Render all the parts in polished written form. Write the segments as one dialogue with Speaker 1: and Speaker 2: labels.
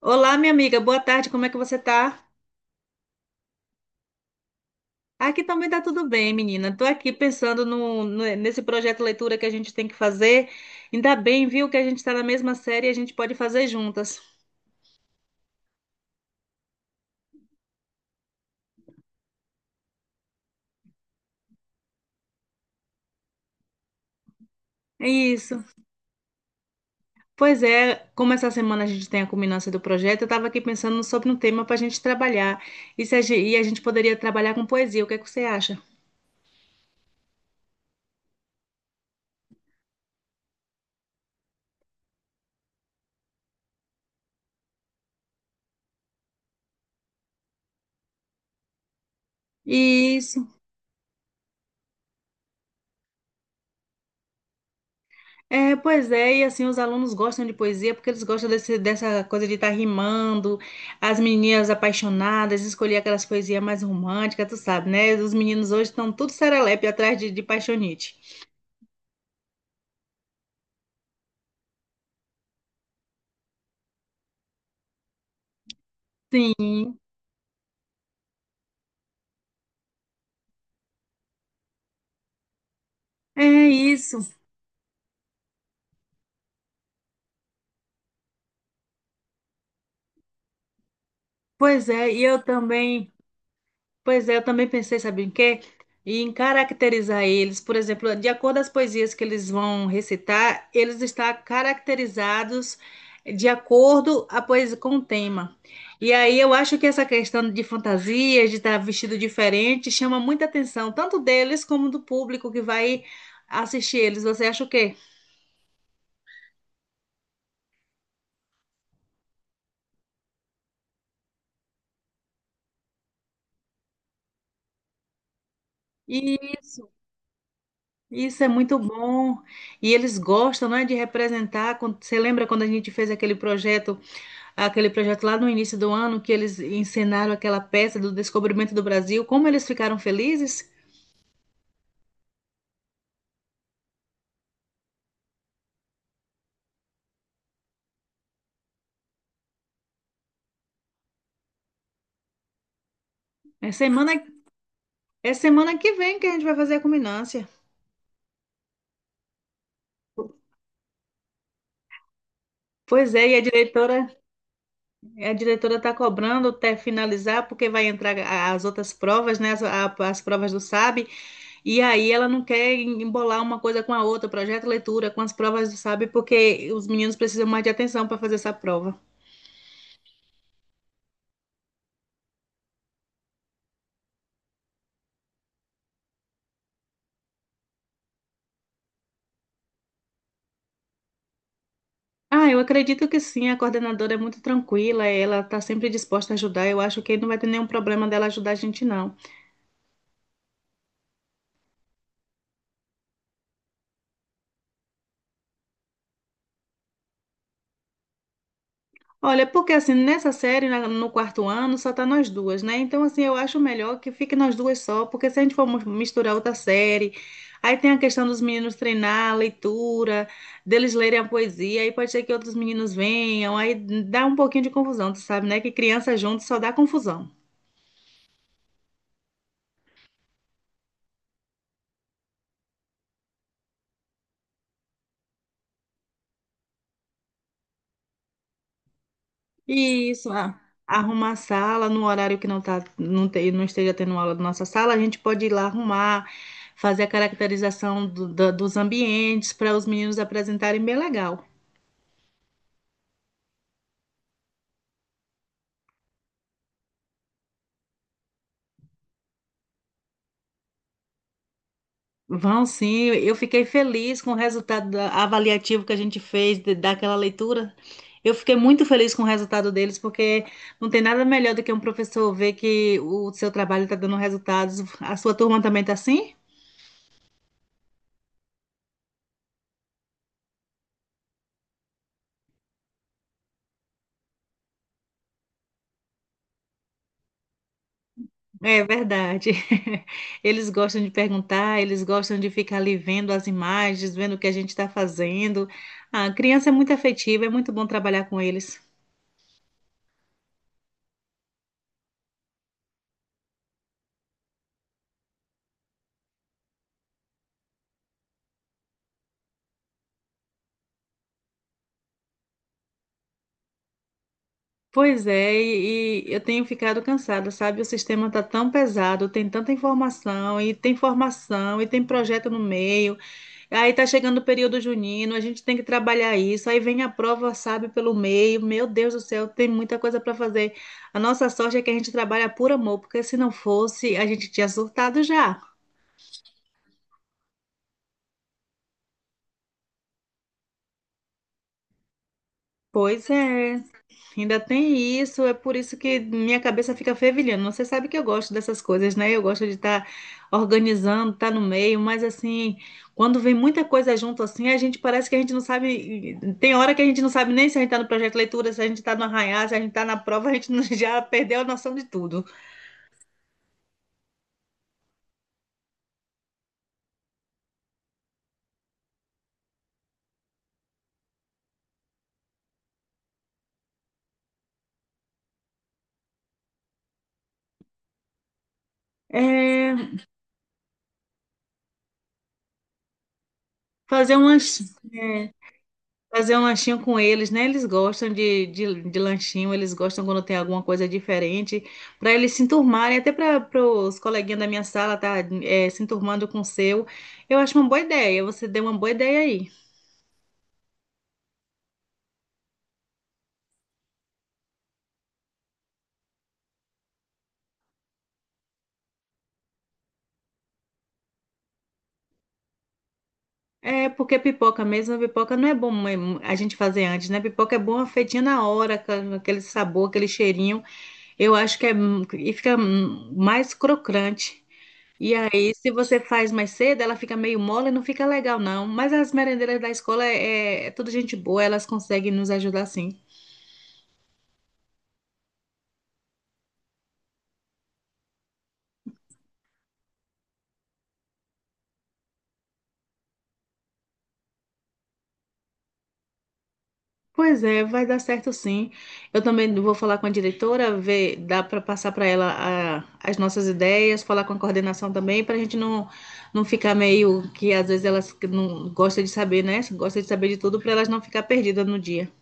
Speaker 1: Olá, minha amiga, boa tarde, como é que você tá? Aqui também tá tudo bem, menina. Tô aqui pensando nesse projeto leitura que a gente tem que fazer. Ainda bem, viu, que a gente tá na mesma série e a gente pode fazer juntas. É isso. Pois é, como essa semana a gente tem a culminância do projeto, eu tava aqui pensando sobre um tema pra gente trabalhar. E, se a, gen- e a gente poderia trabalhar com poesia, o que é que você acha? Isso. É, pois é, e assim, os alunos gostam de poesia porque eles gostam dessa coisa de estar rimando, as meninas apaixonadas, escolher aquelas poesias mais românticas, tu sabe, né? Os meninos hoje estão tudo serelepe atrás de paixonite. Sim, é isso. Pois é, e eu também. Pois é, eu também pensei, sabe em quê? E em caracterizar eles, por exemplo, de acordo com as poesias que eles vão recitar, eles estão caracterizados de acordo a poesia com o tema. E aí eu acho que essa questão de fantasias, de estar vestido diferente, chama muita atenção, tanto deles como do público que vai assistir eles. Você acha o quê? Isso, isso é muito bom. E eles gostam, não é, de representar. Você lembra quando a gente fez aquele projeto? Aquele projeto lá no início do ano que eles encenaram aquela peça do descobrimento do Brasil, como eles ficaram felizes. É semana, é semana que vem que a gente vai fazer a culminância. Pois é, e a diretora está cobrando até finalizar, porque vai entrar as outras provas, né? As provas do SAB, e aí ela não quer embolar uma coisa com a outra, projeto leitura, com as provas do SAB, porque os meninos precisam mais de atenção para fazer essa prova. Ah, eu acredito que sim, a coordenadora é muito tranquila, ela está sempre disposta a ajudar, eu acho que não vai ter nenhum problema dela ajudar a gente, não. Olha, porque assim, nessa série, no quarto ano, só tá nós duas, né? Então, assim, eu acho melhor que fique nós duas só, porque se a gente for misturar outra série, aí tem a questão dos meninos treinar a leitura, deles lerem a poesia, aí pode ser que outros meninos venham, aí dá um pouquinho de confusão, tu sabe, né? Que criança junto só dá confusão. Isso. Arrumar a sala no horário que não tá, não esteja tendo aula da nossa sala, a gente pode ir lá arrumar, fazer a caracterização dos ambientes para os meninos apresentarem bem legal. Vão sim, eu fiquei feliz com o resultado avaliativo que a gente fez daquela leitura. Eu fiquei muito feliz com o resultado deles, porque não tem nada melhor do que um professor ver que o seu trabalho está dando resultados. A sua turma também está assim? É verdade. Eles gostam de perguntar, eles gostam de ficar ali vendo as imagens, vendo o que a gente está fazendo. A criança é muito afetiva, é muito bom trabalhar com eles. Pois é, e eu tenho ficado cansada, sabe? O sistema está tão pesado, tem tanta informação, e tem formação, e tem projeto no meio. Aí tá chegando o período junino, a gente tem que trabalhar isso. Aí vem a prova, sabe, pelo meio. Meu Deus do céu, tem muita coisa para fazer. A nossa sorte é que a gente trabalha por amor, porque se não fosse, a gente tinha surtado já. Pois é. Ainda tem isso, é por isso que minha cabeça fica fervilhando. Você sabe que eu gosto dessas coisas, né? Eu gosto de estar organizando, estar no meio, mas assim, quando vem muita coisa junto assim, a gente parece que a gente não sabe. Tem hora que a gente não sabe nem se a gente está no projeto de leitura, se a gente está no arranhar, se a gente está na prova, a gente já perdeu a noção de tudo. É, fazer umas. é, Fazer um lanchinho com eles, né? Eles gostam de lanchinho, eles gostam quando tem alguma coisa diferente, para eles se enturmarem, até para os coleguinhas da minha sala se enturmando com o seu. Eu acho uma boa ideia, você deu uma boa ideia aí. É, porque pipoca mesmo, pipoca não é bom, mas a gente fazer antes, né? Pipoca é boa feitinha na hora, com aquele sabor, aquele cheirinho. Eu acho que é, e fica mais crocante. E aí, se você faz mais cedo, ela fica meio mole, não fica legal, não. Mas as merendeiras da escola é tudo gente boa, elas conseguem nos ajudar sim. Pois é, vai dar certo sim. Eu também vou falar com a diretora, ver, dá para passar para ela as nossas ideias, falar com a coordenação também, para a gente não, não ficar meio que às vezes elas que não gostam de saber, né? Gostam de saber de tudo, para elas não ficar perdidas no dia.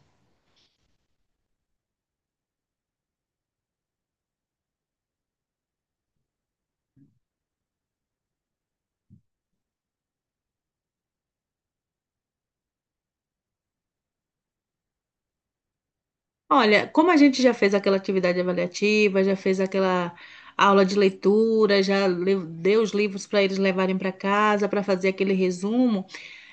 Speaker 1: Olha, como a gente já fez aquela atividade avaliativa, já fez aquela aula de leitura, deu os livros para eles levarem para casa para fazer aquele resumo,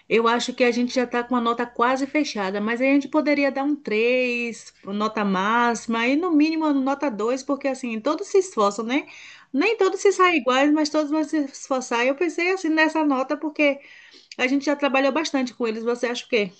Speaker 1: eu acho que a gente já está com a nota quase fechada, mas aí a gente poderia dar um 3, nota máxima, e no mínimo a nota 2, porque assim, todos se esforçam, né? Nem todos se saem iguais, mas todos vão se esforçar. Eu pensei assim nessa nota, porque a gente já trabalhou bastante com eles, você acha o quê?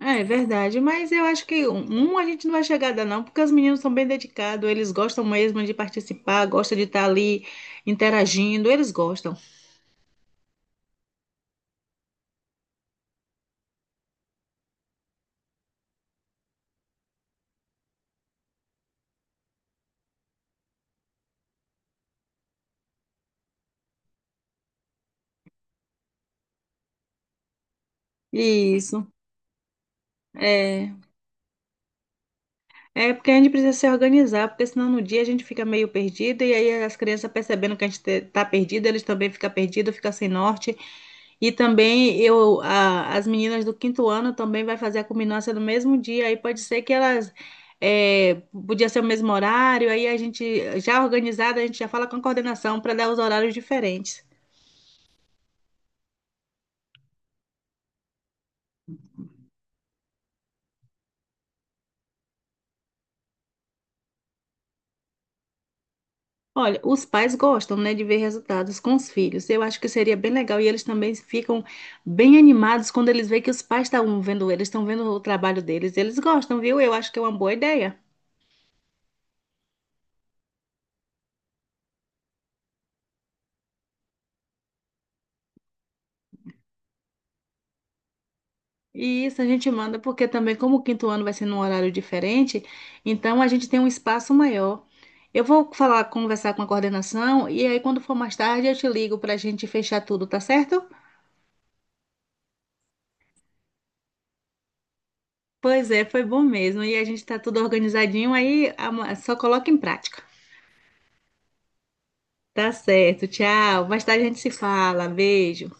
Speaker 1: É, é verdade, mas eu acho que um um a gente não vai chegar a dar não, porque os meninos são bem dedicados, eles gostam mesmo de participar, gostam de estar ali interagindo, eles gostam. Isso, é. É porque a gente precisa se organizar, porque senão no dia a gente fica meio perdido e aí as crianças percebendo que a gente tá perdido, eles também ficam perdidos, ficam sem norte. E também as meninas do quinto ano também vai fazer a culminância no mesmo dia, aí pode ser que é, podia ser o mesmo horário, aí a gente já organizada, a gente já fala com a coordenação para dar os horários diferentes. Olha, os pais gostam, né, de ver resultados com os filhos. Eu acho que seria bem legal e eles também ficam bem animados quando eles veem que os pais estão vendo eles, estão vendo o trabalho deles. Eles gostam, viu? Eu acho que é uma boa ideia. E isso a gente manda porque também, como o quinto ano vai ser num horário diferente, então a gente tem um espaço maior. Eu vou falar, conversar com a coordenação e aí quando for mais tarde eu te ligo para a gente fechar tudo, tá certo? Pois é, foi bom mesmo. E a gente tá tudo organizadinho aí, ama- só coloca em prática. Tá certo, tchau. Mais tarde a gente se fala. Beijo.